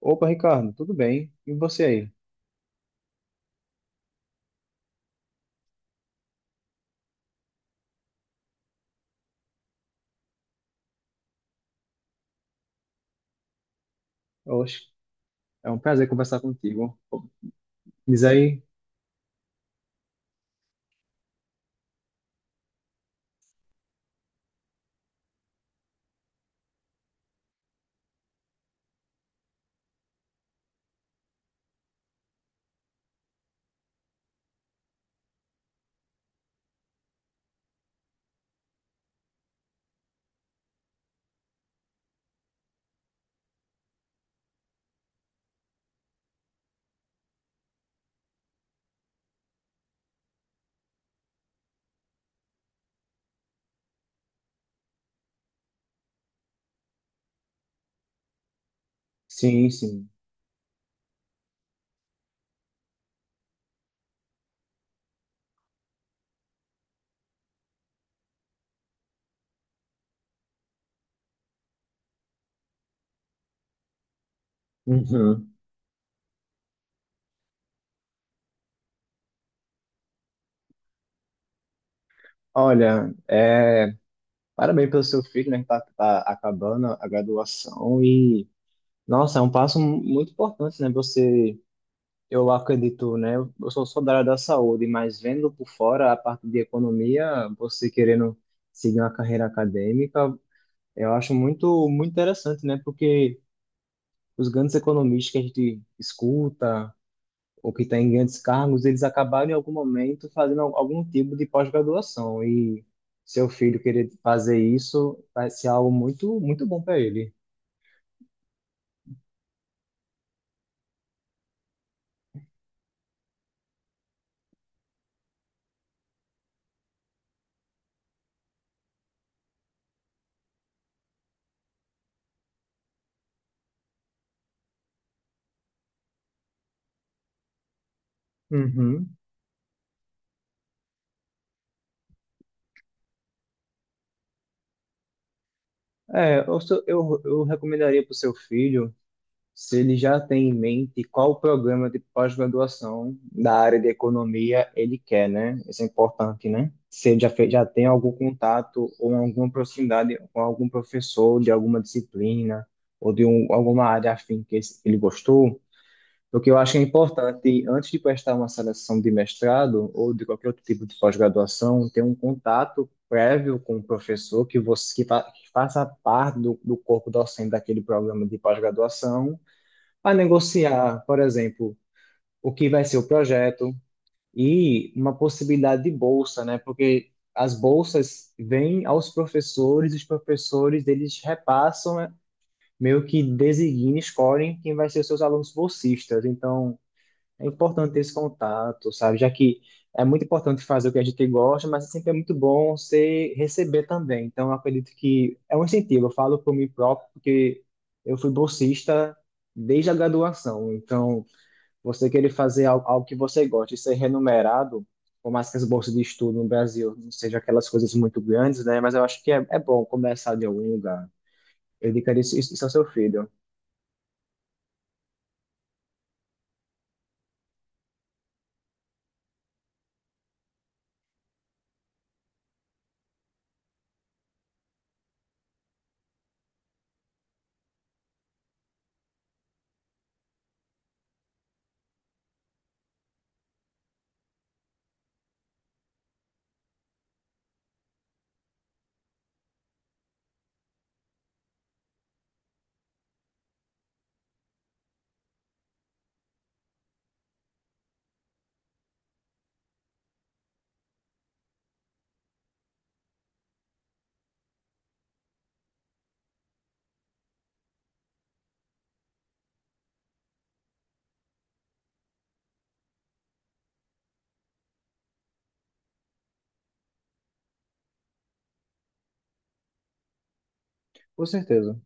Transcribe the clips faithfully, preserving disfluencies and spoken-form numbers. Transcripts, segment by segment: Opa, Ricardo, tudo bem? E você aí? Oxe, é um prazer conversar contigo. Diz aí? Sim, sim. Uhum. Olha, é, parabéns pelo seu filho, né, que tá, tá acabando a graduação e, nossa, é um passo muito importante, né? Você, eu acredito, né? Eu sou, sou da área da saúde, mas vendo por fora a parte de economia, você querendo seguir uma carreira acadêmica, eu acho muito, muito interessante, né? Porque os grandes economistas que a gente escuta, ou que têm grandes cargos, eles acabaram em algum momento fazendo al- algum tipo de pós-graduação. E seu filho querer fazer isso vai ser algo muito, muito bom para ele. Uhum. É, eu, sou- eu, eu recomendaria para o seu filho, se ele já tem em mente qual o programa de pós-graduação da área de economia ele quer, né? Isso é importante, né? Se ele já, fez, já tem algum contato ou alguma proximidade com algum professor de alguma disciplina ou de um, alguma área afim que ele gostou. O que eu acho que é importante, antes de prestar uma seleção de mestrado ou de qualquer outro tipo de pós-graduação, ter um contato prévio com o professor que você que, fa, que faça parte do, do corpo docente daquele programa de pós-graduação, para negociar, por exemplo, o que vai ser o projeto e uma possibilidade de bolsa, né? Porque as bolsas vêm aos professores, os professores eles repassam, né? Meio que designem, escolhem quem vai ser os seus alunos bolsistas. Então é importante ter esse contato, sabe? Já que é muito importante fazer o que a gente gosta, mas sempre é muito bom você receber também. Então, eu acredito que é um incentivo. Eu falo por mim próprio, porque eu fui bolsista desde a graduação. Então, você querer fazer algo, algo que você gosta e ser remunerado, por mais que as bolsas de estudo no Brasil não sejam aquelas coisas muito grandes, né? Mas eu acho que é, é bom começar de algum lugar. Eu indicaria isso, isso ao seu filho, com certeza.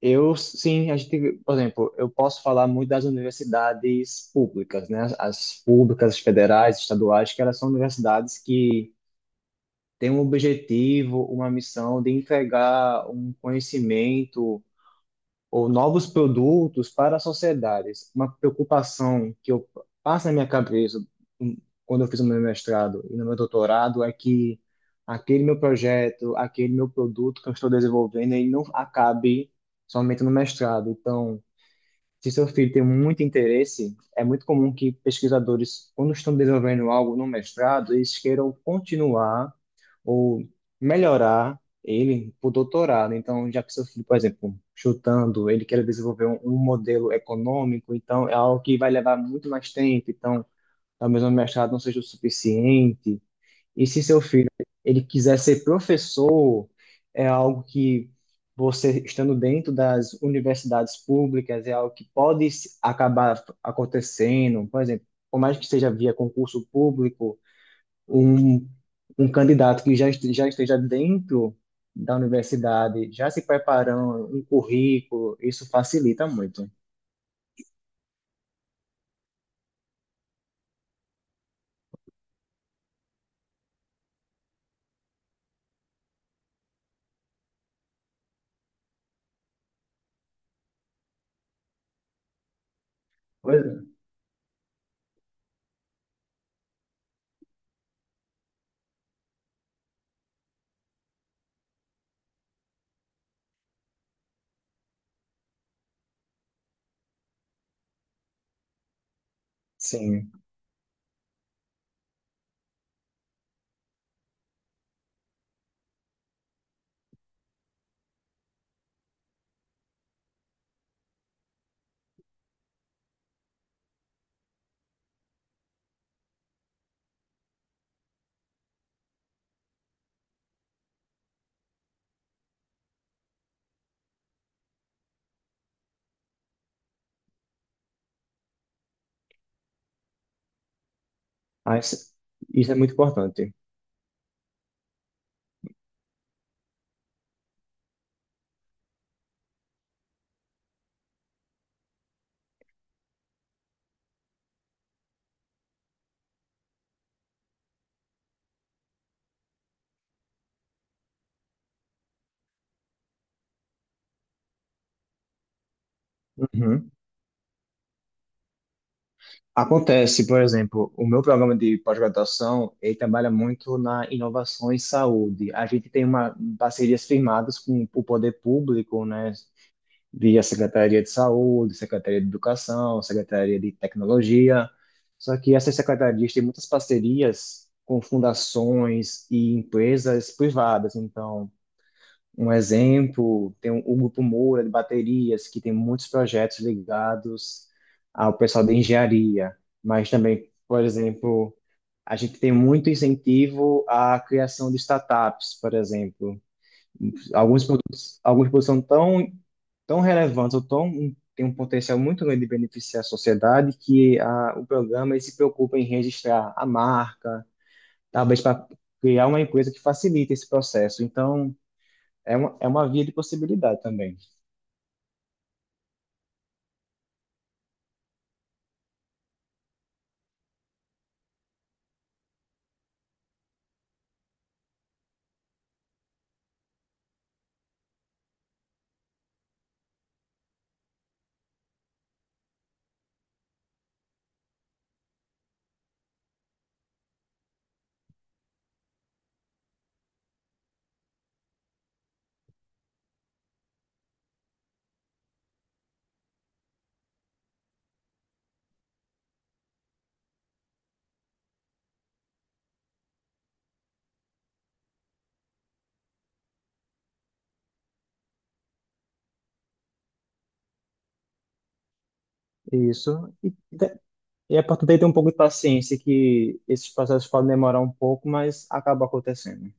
Eu, sim, a gente, por exemplo, eu posso falar muito das universidades públicas, né? As públicas, as federais, estaduais, que elas são universidades que têm um objetivo, uma missão de entregar um conhecimento ou novos produtos para as sociedades. Uma preocupação que eu passo na minha cabeça, hum, quando eu fiz o meu mestrado e no meu doutorado, é que aquele meu projeto, aquele meu produto que eu estou desenvolvendo, ele não acabe somente no mestrado. Então, se seu filho tem muito interesse, é muito comum que pesquisadores, quando estão desenvolvendo algo no mestrado, eles queiram continuar ou melhorar ele para o doutorado. Então, já que seu filho, por exemplo, chutando, ele quer desenvolver um, um modelo econômico, então é algo que vai levar muito mais tempo. Então, talvez o mestrado não seja o suficiente. E se seu filho ele quiser ser professor, é algo que você estando dentro das universidades públicas é algo que pode se- acabar acontecendo. Por exemplo, por mais que seja via concurso público, um, um candidato que já, este- já esteja dentro da universidade, já se preparando, um currículo, isso facilita muito. Pois é. Sim, mas isso é muito importante. Uhum. Acontece, por exemplo, o meu programa de pós-graduação, ele trabalha muito na inovação em saúde. A gente tem uma parcerias firmadas com o poder público, né, via Secretaria de Saúde, Secretaria de Educação, Secretaria de Tecnologia. Só que essas secretarias têm muitas parcerias com fundações e empresas privadas. Então, um exemplo, tem o Grupo Moura de baterias, que tem muitos projetos ligados ao pessoal de engenharia, mas também, por exemplo, a gente tem muito incentivo à criação de startups, por exemplo. Alguns produtos, alguns produtos são tão, tão relevantes ou tão, têm um potencial muito grande de beneficiar a sociedade que a, o programa ele se preocupa em registrar a marca, talvez para criar uma empresa que facilite esse processo. Então, é uma, é uma via de possibilidade também. Isso. E, te- e é para ter um pouco de paciência que esses processos podem demorar um pouco, mas acaba acontecendo.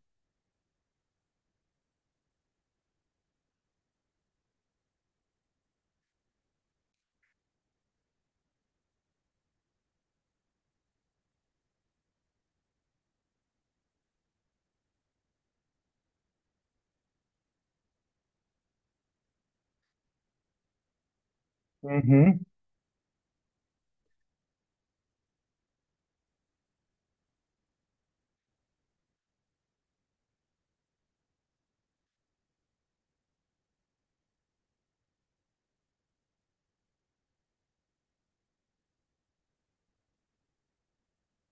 Uhum.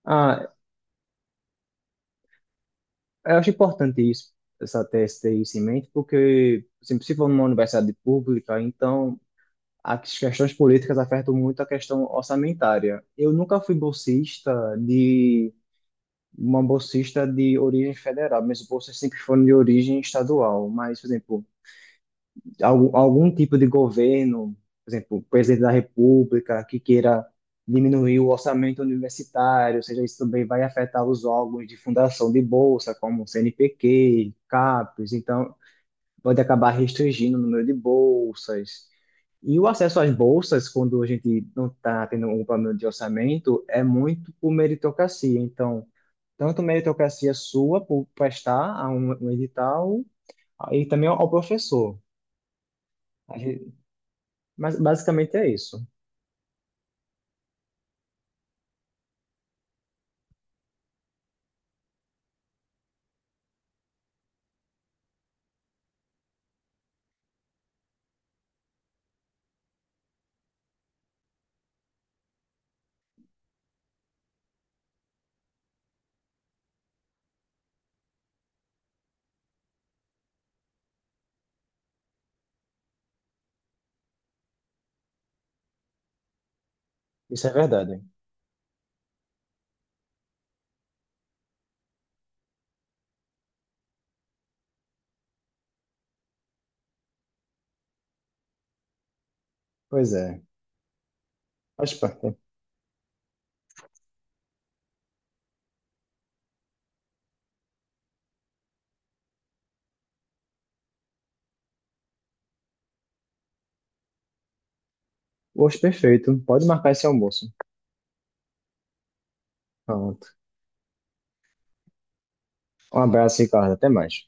Ah, eu acho importante isso, essa tese ter isso em mente, porque assim, se for numa universidade pública, então as questões políticas afetam muito a questão orçamentária. Eu nunca fui bolsista de uma bolsista de origem federal, minhas bolsas sempre foram de origem estadual, mas, por exemplo, algum, algum tipo de governo, por exemplo, o presidente da República, que queira diminuir o orçamento universitário, ou seja, isso também vai afetar os órgãos de fundação de bolsa, como o C N P quê, CAPES, então pode acabar restringindo o número de bolsas. E o acesso às bolsas, quando a gente não está tendo um problema de orçamento, é muito por meritocracia. Então, tanto meritocracia sua por prestar a um, um edital, e também ao ao professor. Mas basicamente é isso. Isso é verdade. Pois é. Faz parte. Hoje perfeito. Pode marcar esse almoço. Pronto. Um abraço, Ricardo. Até mais.